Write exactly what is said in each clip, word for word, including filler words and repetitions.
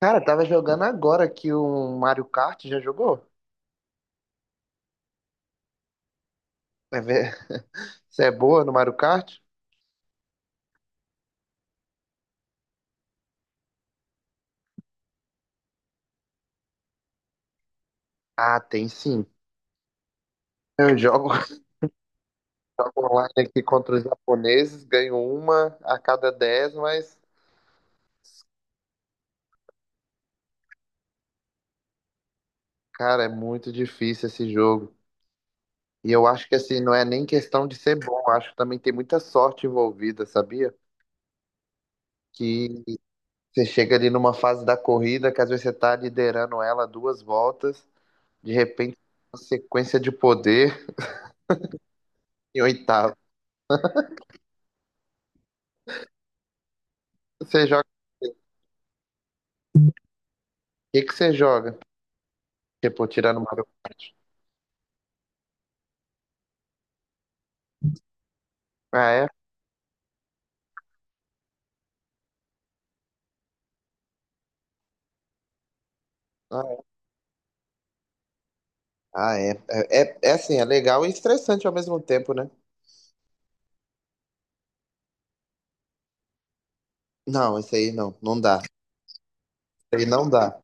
Cara, tava jogando agora aqui um Mario Kart, já jogou? Vai ver se é boa no Mario Kart? Ah, tem sim. Eu jogo online aqui contra os japoneses, ganho uma a cada dez, mas, cara, é muito difícil esse jogo. E eu acho que, assim, não é nem questão de ser bom, eu acho que também tem muita sorte envolvida, sabia? Que você chega ali numa fase da corrida, que às vezes você tá liderando ela duas voltas, de repente, uma sequência de poder em oitavo. Você que que você joga? Tipo, tirando Mario Kart. Ah, é? Ah, é. Ah, É, é, é é assim, é legal e estressante ao mesmo tempo, né? Não, isso aí não, não dá. Isso aí não dá.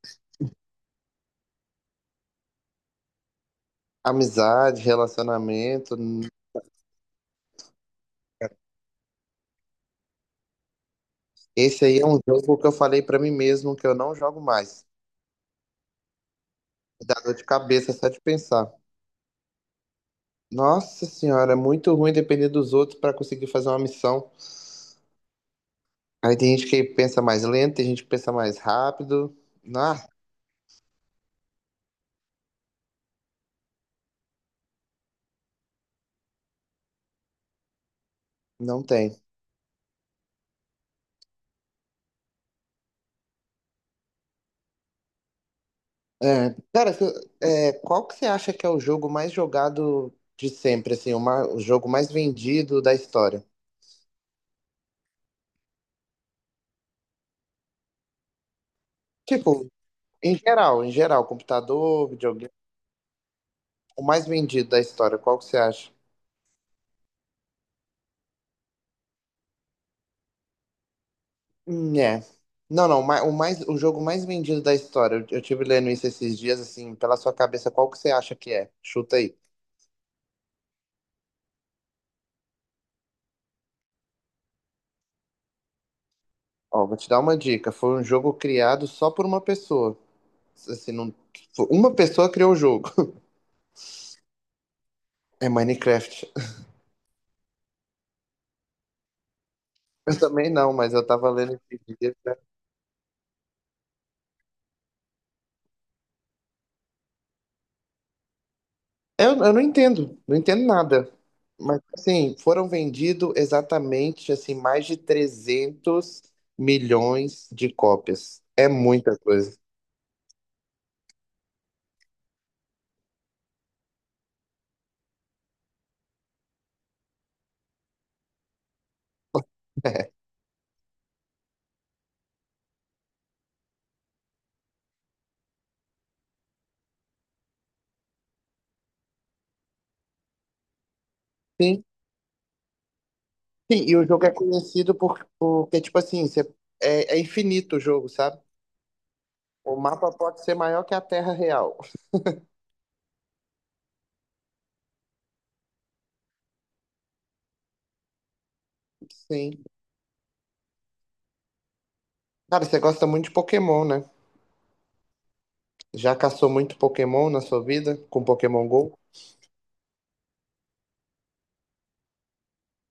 Amizade, relacionamento. n- Esse aí é um jogo que eu falei pra mim mesmo que eu não jogo mais. Me dá dor de cabeça só de pensar. Nossa senhora, é muito ruim depender dos outros pra conseguir fazer uma missão. Aí tem gente que pensa mais lento, tem gente que pensa mais rápido. Ah, não tem. É, cara, se- é, qual que você acha que é o jogo mais jogado de sempre, assim, o, ma- o jogo mais vendido da história? Tipo, em geral, em geral, computador, videogame, o mais vendido da história, qual que você acha? Hum, é. Não, não, ma- o mais, o jogo mais vendido da história, eu, eu tive lendo isso esses dias, assim, pela sua cabeça, qual que você acha que é? Chuta aí. Ó, vou te dar uma dica, foi um jogo criado só por uma pessoa, assim, não, uma pessoa criou o jogo. É Minecraft. Eu também não, mas eu tava lendo esse dia. Eu, eu não entendo, não entendo nada. Mas, assim, foram vendidos exatamente, assim, mais de trezentos milhões de cópias. É muita coisa. Sim, sim, e o jogo é conhecido por, porque, tipo assim, você- é, é infinito o jogo, sabe? O mapa pode ser maior que a Terra real. Sim. Cara, você gosta muito de Pokémon, né? Já caçou muito Pokémon na sua vida com Pokémon Go?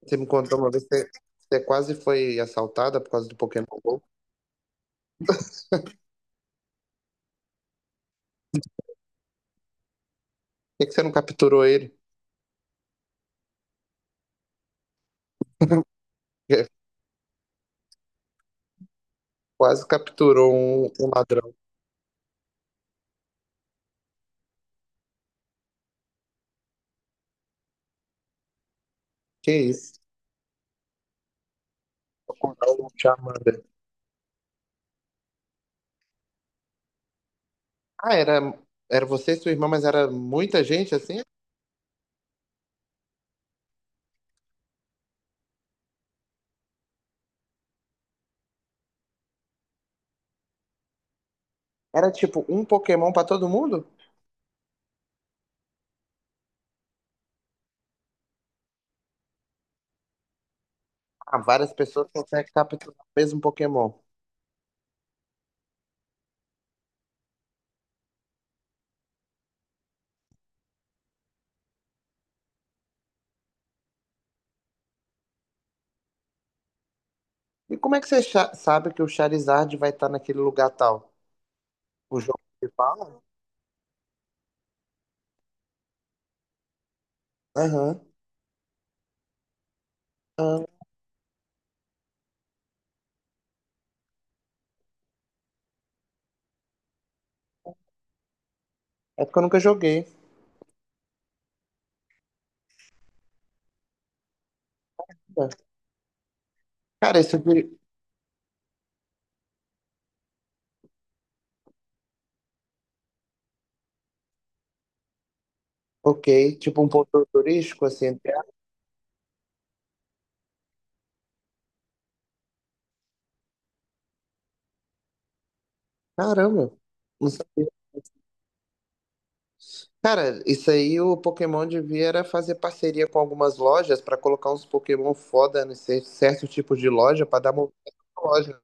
Você me contou uma vez que você, você quase foi assaltada por causa do Pokémon Go. Por que que você não capturou ele? Quase capturou um, um ladrão. Que isso? O Charmander. Ah, era, era você e sua irmã, mas era muita gente assim? Era tipo um Pokémon pra todo mundo? Ah, várias pessoas conseguem capturar o mesmo Pokémon. E como é que você cha- sabe que o Charizard vai estar naquele lugar tal? O jogo que fala? Aham. Ah, é porque eu nunca joguei. Cara, isso de. Ok, tipo um ponto turístico, assim, caramba, não sabia. Cara, isso aí o Pokémon devia era fazer parceria com algumas lojas pra colocar uns Pokémon foda em cer- certo tipo de loja pra dar movimento na loja.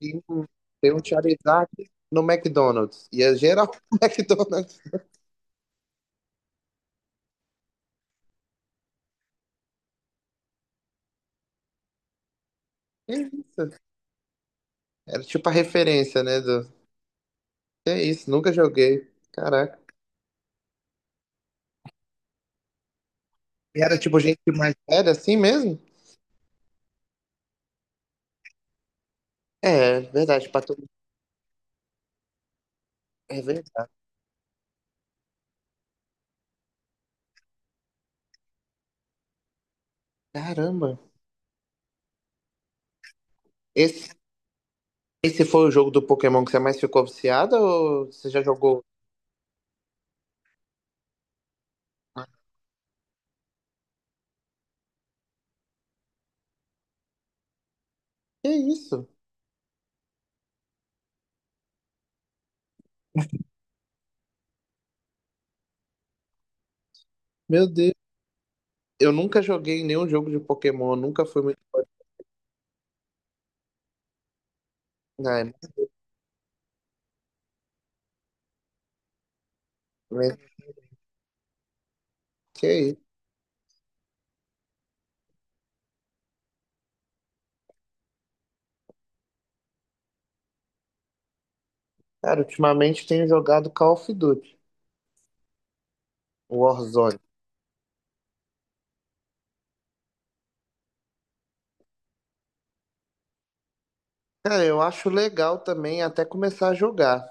Tem um tem um Charizard no McDonald's. E é geral no McDonald's. Era tipo a referência, né? Do... Que é isso, nunca joguei. Caraca. E era tipo gente mais velha assim mesmo? É, verdade, pra todo... É verdade. Caramba. Esse, esse foi o jogo do Pokémon que você mais ficou viciado ou você já jogou? Que isso? Meu Deus. Eu nunca joguei nenhum jogo de Pokémon, eu nunca fui muito. Ai, mas que isso? Cara, ultimamente tenho jogado Call of Duty, Warzone. Cara, eu acho legal também até começar a jogar,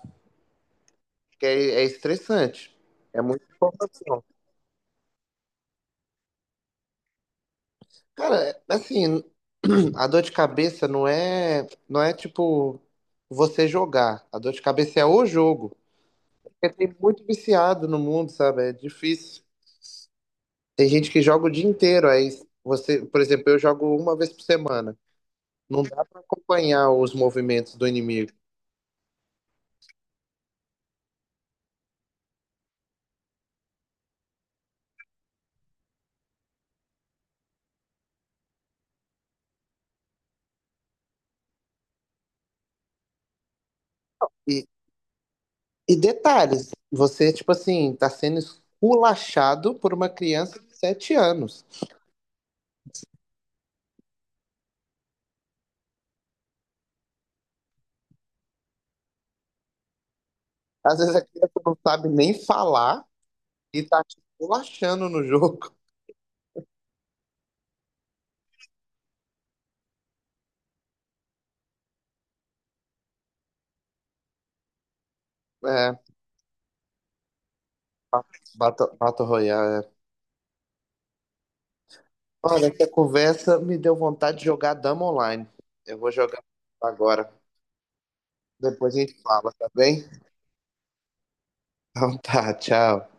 porque é, é estressante. É muita informação. Cara, assim, a dor de cabeça não é, não é tipo você jogar. A dor de cabeça é o jogo. Porque tem muito viciado no mundo, sabe? É difícil. Tem gente que joga o dia inteiro, aí você, por exemplo, eu jogo uma vez por semana. Não dá pra acompanhar os movimentos do inimigo. E, e detalhes, você, tipo assim, tá sendo esculachado por uma criança de sete anos. Às vezes a criança não sabe nem falar e tá te esculachando no jogo. É, Battle, Battle Royale. É. Olha, essa conversa me deu vontade de jogar Dama Online. Eu vou jogar agora. Depois a gente fala, tá bem? Então tá, tchau.